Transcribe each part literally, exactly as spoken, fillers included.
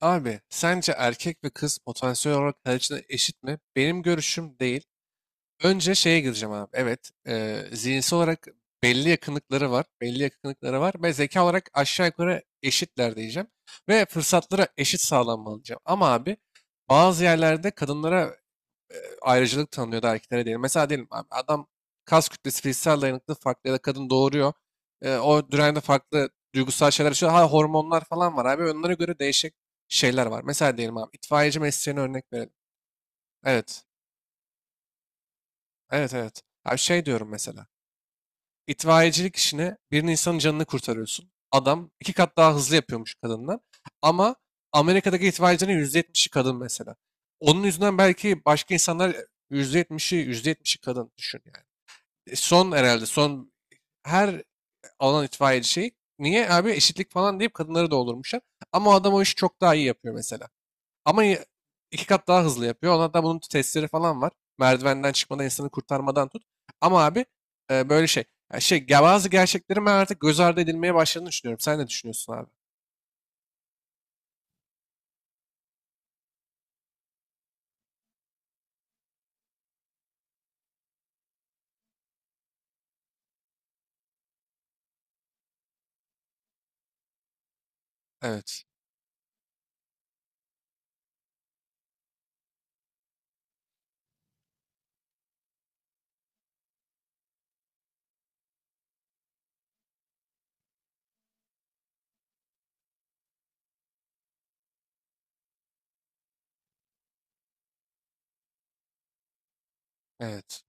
Abi sence erkek ve kız potansiyel olarak kalecide eşit mi? Benim görüşüm değil. Önce şeye gireceğim abi. Evet, e, zihinsel olarak belli yakınlıkları var. Belli yakınlıkları var ve zeka olarak aşağı yukarı eşitler diyeceğim. Ve fırsatlara eşit sağlanmalı diyeceğim. Ama abi bazı yerlerde kadınlara e, ayrıcalık tanınıyordu, erkeklere değil. Mesela diyelim abi, adam kas kütlesi fiziksel dayanıklı farklı ya da kadın doğuruyor. E, o dönemde farklı duygusal şeyler yaşıyor. Ha, hormonlar falan var abi. Onlara göre değişik şeyler var. Mesela diyelim abi, itfaiyeci mesleğine örnek verelim. Evet. Evet, evet. Abi şey diyorum mesela. İtfaiyecilik işine, bir insanın canını kurtarıyorsun. Adam iki kat daha hızlı yapıyormuş kadından. Ama Amerika'daki itfaiyecinin yüzde yetmişi kadın mesela. Onun yüzünden belki başka insanlar, yüzde yetmişi yüzde yetmişi kadın düşün yani. E, Son, herhalde son her alan itfaiyeci şey. Niye abi eşitlik falan deyip kadınları doldurmuşlar. Ama o adam o işi çok daha iyi yapıyor mesela. Ama y- iki kat daha hızlı yapıyor. Ona da bunun testleri falan var. Merdivenden çıkmadan, insanı kurtarmadan tut. Ama abi, e, böyle şey. ya şey ya bazı gerçeklerin ben artık göz ardı edilmeye başladığını düşünüyorum. Sen ne düşünüyorsun abi? Evet. Evet.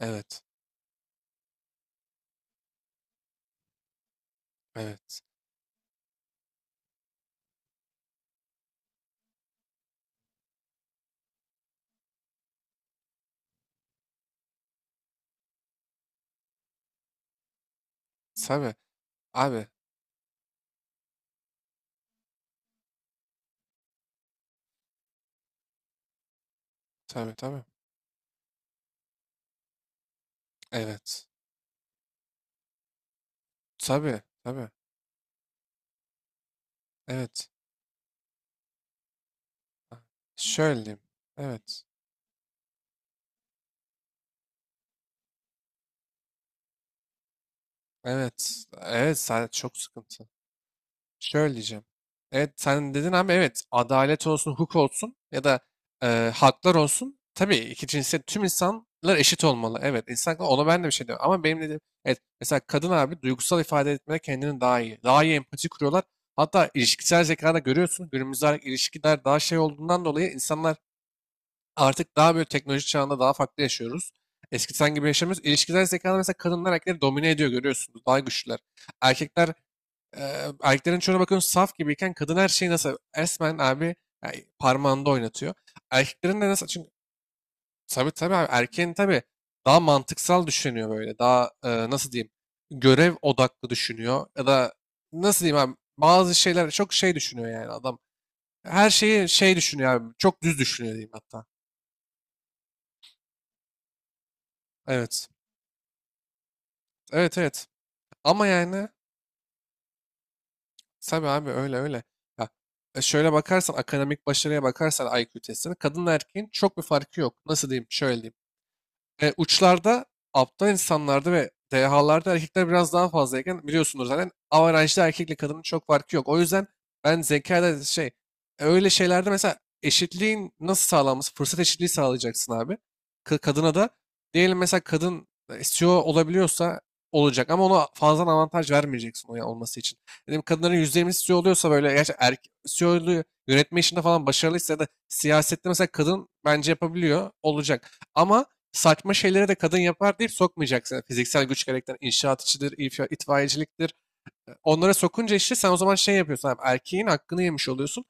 Evet. Evet. Tabii. Abi. Tabii, tabii. Evet. Tabii. Tabii. Evet. Şöyle diyeyim. Evet. Evet. Evet, sen çok sıkıntı. Şöyle diyeceğim. Evet sen dedin, ama evet, adalet olsun, hukuk olsun ya da e, haklar olsun. Tabii, iki cinsiyet, tüm insanlar eşit olmalı. Evet, insan, ona ben de bir şey diyorum. Ama benim dediğim, evet, mesela kadın abi duygusal ifade etmede kendini daha iyi. Daha iyi empati kuruyorlar. Hatta ilişkisel zekada görüyorsun. Günümüzde ilişkiler daha şey olduğundan dolayı, insanlar artık daha böyle teknoloji çağında daha farklı yaşıyoruz. Eskiden gibi yaşamıyoruz. İlişkisel zekada mesela kadınlar erkekleri domine ediyor, görüyorsunuz. Daha güçlüler. Erkekler e, erkeklerin çoğuna bakın, saf gibiyken kadın her şeyi nasıl resmen abi, yani parmağında oynatıyor. Erkeklerin de nasıl, çünkü tabii, tabii abi, erkeğin, tabii, daha mantıksal düşünüyor böyle. Daha, e, nasıl diyeyim, görev odaklı düşünüyor ya da, nasıl diyeyim abi, bazı şeyler çok şey düşünüyor yani adam. Her şeyi şey düşünüyor abi. Çok düz düşünüyor diyeyim hatta. Evet. Evet, evet. Ama yani, tabii abi, öyle öyle. Ya, e, şöyle bakarsan akademik başarıya, bakarsan I Q testine, kadın erkeğin çok bir farkı yok. Nasıl diyeyim? Şöyle diyeyim. E, uçlarda, aptal insanlarda ve dehalarda erkekler biraz daha fazlayken, biliyorsunuz zaten averajda erkekle kadının çok farkı yok. O yüzden ben zekada şey, e, öyle şeylerde mesela, eşitliğin nasıl sağlanması, fırsat eşitliği sağlayacaksın abi. Ka- kadına da, diyelim mesela, kadın C E O olabiliyorsa olacak, ama ona fazladan avantaj vermeyeceksin o ya- olması için. Dedim, kadınların yüzde yirmisi C E O oluyorsa böyle, gerçi erkek C E O'lu yönetme işinde falan başarılıysa, ya da siyasette mesela kadın, bence yapabiliyor olacak. Ama saçma şeylere de kadın yapar deyip sokmayacaksın. Yani, fiziksel güç gerektiren inşaat işidir, if- itfaiyeciliktir. Onlara sokunca, işte sen o zaman şey yapıyorsun abi, erkeğin hakkını yemiş oluyorsun.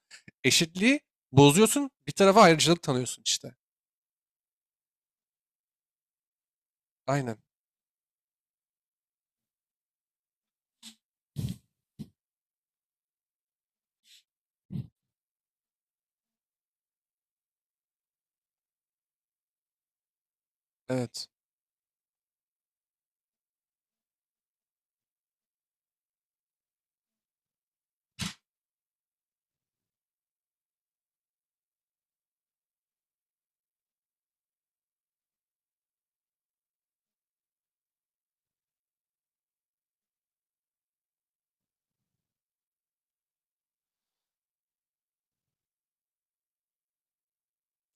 Eşitliği bozuyorsun, bir tarafa ayrıcalık tanıyorsun işte. Aynen. Evet.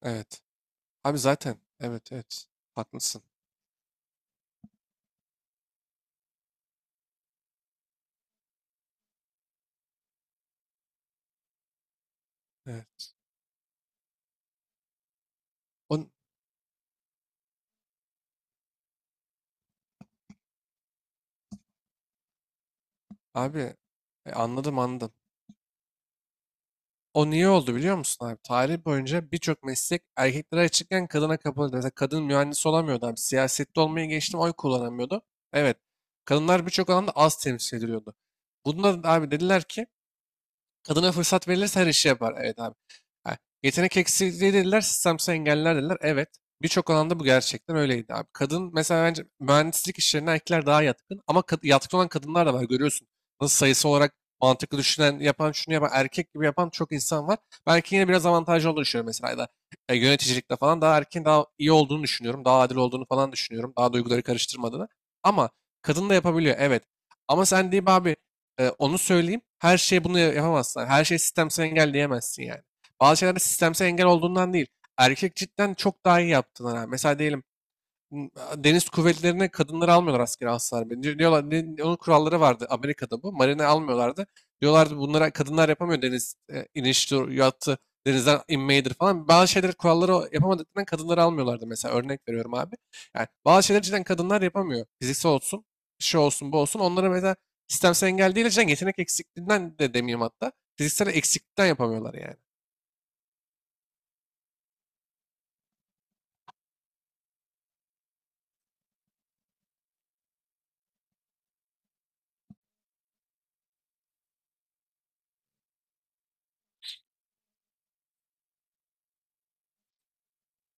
Evet. Abi zaten. Evet, evet. Haklısın. Evet. On, abi e, anladım, anladım. O niye oldu biliyor musun abi? Tarih boyunca birçok meslek erkeklere açıkken kadına kapalıydı. Mesela kadın mühendis olamıyordu abi. Siyasette olmayı geçtim, oy kullanamıyordu. Evet. Kadınlar birçok alanda az temsil ediliyordu. Bunda da abi dediler ki, kadına fırsat verilirse her işi yapar. Evet abi. Ha, yetenek eksikliği dediler, sistemsel engeller dediler. Evet. Birçok alanda bu gerçekten öyleydi abi. Kadın mesela, bence mühendislik işlerine erkekler daha yatkın, ama kad- yatkın olan kadınlar da var, görüyorsun. Nasıl, sayısı olarak mantıklı düşünen, yapan, şunu yapan, erkek gibi yapan çok insan var. Ben erkeğin yine biraz avantajlı olduğunu düşünüyorum mesela. Ya da, e, yöneticilikte falan daha, erkeğin daha iyi olduğunu düşünüyorum. Daha adil olduğunu falan düşünüyorum. Daha duyguları karıştırmadığını. Ama kadın da yapabiliyor, evet. Ama sen deyip abi, ee, onu söyleyeyim. Her şeye bunu ya- yapamazsın. Her şeyi sistemsel engel diyemezsin yani. Bazı şeylerde sistemsel engel olduğundan değil, erkek cidden çok daha iyi yaptığına. Mesela diyelim m, deniz kuvvetlerine kadınları almıyorlar askere, asla. Diyorlar, ne- onun kuralları vardı Amerika'da, bu. Marine almıyorlardı. Diyorlardı bunlara, kadınlar yapamıyor deniz e, iniştir, yattı, denizden inmeyidir falan. Bazı şeyleri, kuralları o- yapamadıklarından kadınları almıyorlardı mesela, örnek veriyorum abi. Yani bazı şeyleri cidden kadınlar yapamıyor. Fiziksel olsun, şey olsun, bu olsun. Onlara mesela sistemsel engel değil, cidden yetenek eksikliğinden de demeyeyim hatta. Fiziksel eksiklikten yapamıyorlar yani.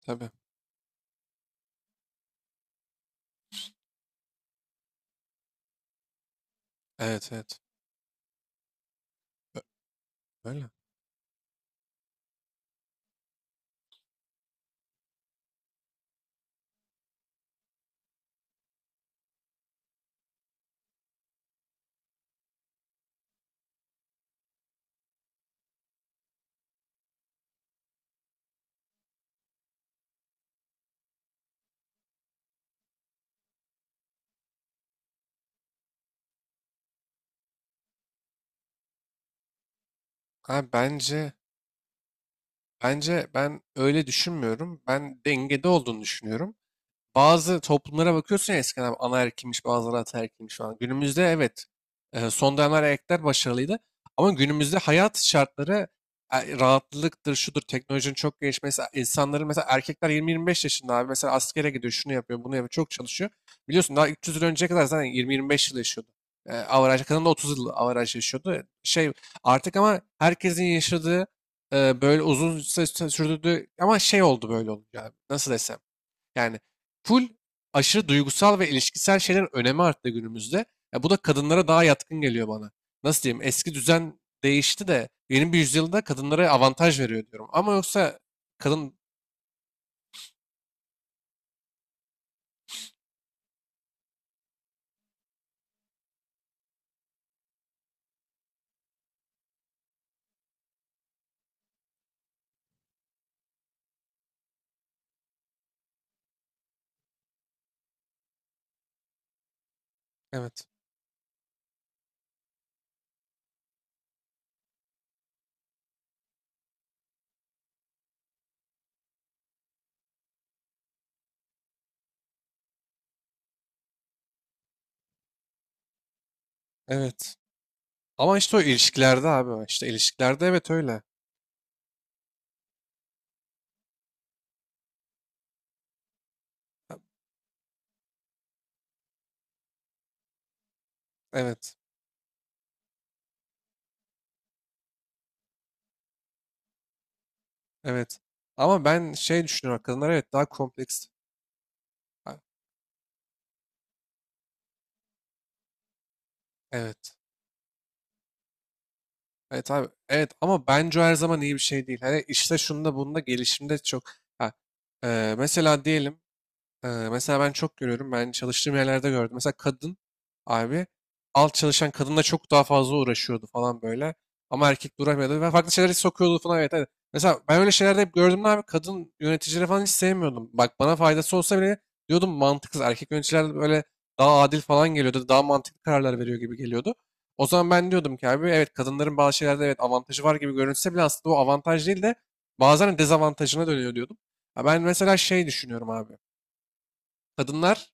Tabii. Evet, evet. Ö- Öyle. Abi bence, bence ben öyle düşünmüyorum. Ben dengede olduğunu düşünüyorum. Bazı toplumlara bakıyorsun ya, eskiden anaerkilmiş, bazıları ataerkilmiş falan. Günümüzde evet, e, son dönemler erkekler başarılıydı. Ama günümüzde hayat şartları, e, rahatlıktır, şudur, teknolojinin çok gelişmesi. İnsanların mesela, erkekler yirmi yirmi beş yaşında abi, mesela askere gidiyor, şunu yapıyor, bunu yapıyor, çok çalışıyor. Biliyorsun, daha üç yüz yıl önceye kadar zaten yirmi yirmi beş yıl yaşıyordu. E, averaj, kadın da otuz yıl averaj yaşıyordu. Şey artık, ama herkesin yaşadığı, e, böyle uzun sü- sürdürdüğü, ama şey oldu böyle olunca abi, nasıl desem. Yani, full aşırı duygusal ve ilişkisel şeylerin önemi arttı günümüzde. Ya bu da kadınlara daha yatkın geliyor bana. Nasıl diyeyim? Eski düzen değişti de yeni bir yüzyılda kadınlara avantaj veriyor diyorum. Ama yoksa kadın, evet. Evet. Ama işte o ilişkilerde abi, işte ilişkilerde evet, öyle. Evet. Evet. Ama ben şey düşünüyorum, kadınlar evet daha kompleks. Ha, evet. Evet abi. Evet, ama bence o her zaman iyi bir şey değil. Hani işte şunda bunda, gelişimde çok. Ha, e, mesela diyelim, Ee, mesela ben çok görüyorum. Ben çalıştığım yerlerde gördüm. Mesela kadın abi alt çalışan kadınla çok daha fazla uğraşıyordu falan böyle. Ama erkek de uğraşmıyordu ve farklı şeylere sokuyordu falan. Evet, evet. Mesela ben öyle şeylerde hep gördüm de abi, kadın yöneticileri falan hiç sevmiyordum. Bak, bana faydası olsa bile diyordum mantıksız. Erkek yöneticiler böyle daha adil falan geliyordu. Daha mantıklı kararlar veriyor gibi geliyordu. O zaman ben diyordum ki abi, evet kadınların bazı şeylerde evet avantajı var gibi görünse bile, aslında o avantaj değil de bazen dezavantajına dönüyor diyordum. Ha, ben mesela şey düşünüyorum abi. Kadınlar,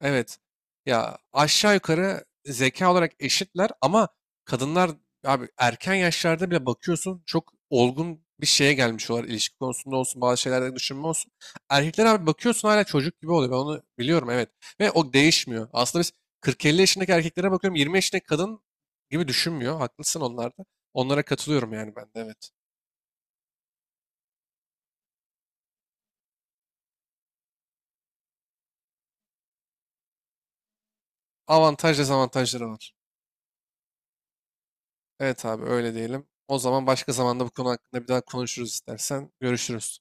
evet, ya aşağı yukarı zeka olarak eşitler, ama kadınlar abi erken yaşlarda bile bakıyorsun çok olgun bir şeye gelmiş olarak, ilişki konusunda olsun, bazı şeylerde düşünme olsun. Erkekler abi bakıyorsun hala çocuk gibi oluyor, ben onu biliyorum evet, ve o değişmiyor. Aslında biz kırk elli yaşındaki erkeklere bakıyorum, yirmi yaşındaki kadın gibi düşünmüyor, haklısın onlarda. Onlara katılıyorum yani ben de, evet. Avantaj, dezavantajları var. Evet abi, öyle diyelim. O zaman başka zamanda bu konu hakkında bir daha konuşuruz istersen. Görüşürüz.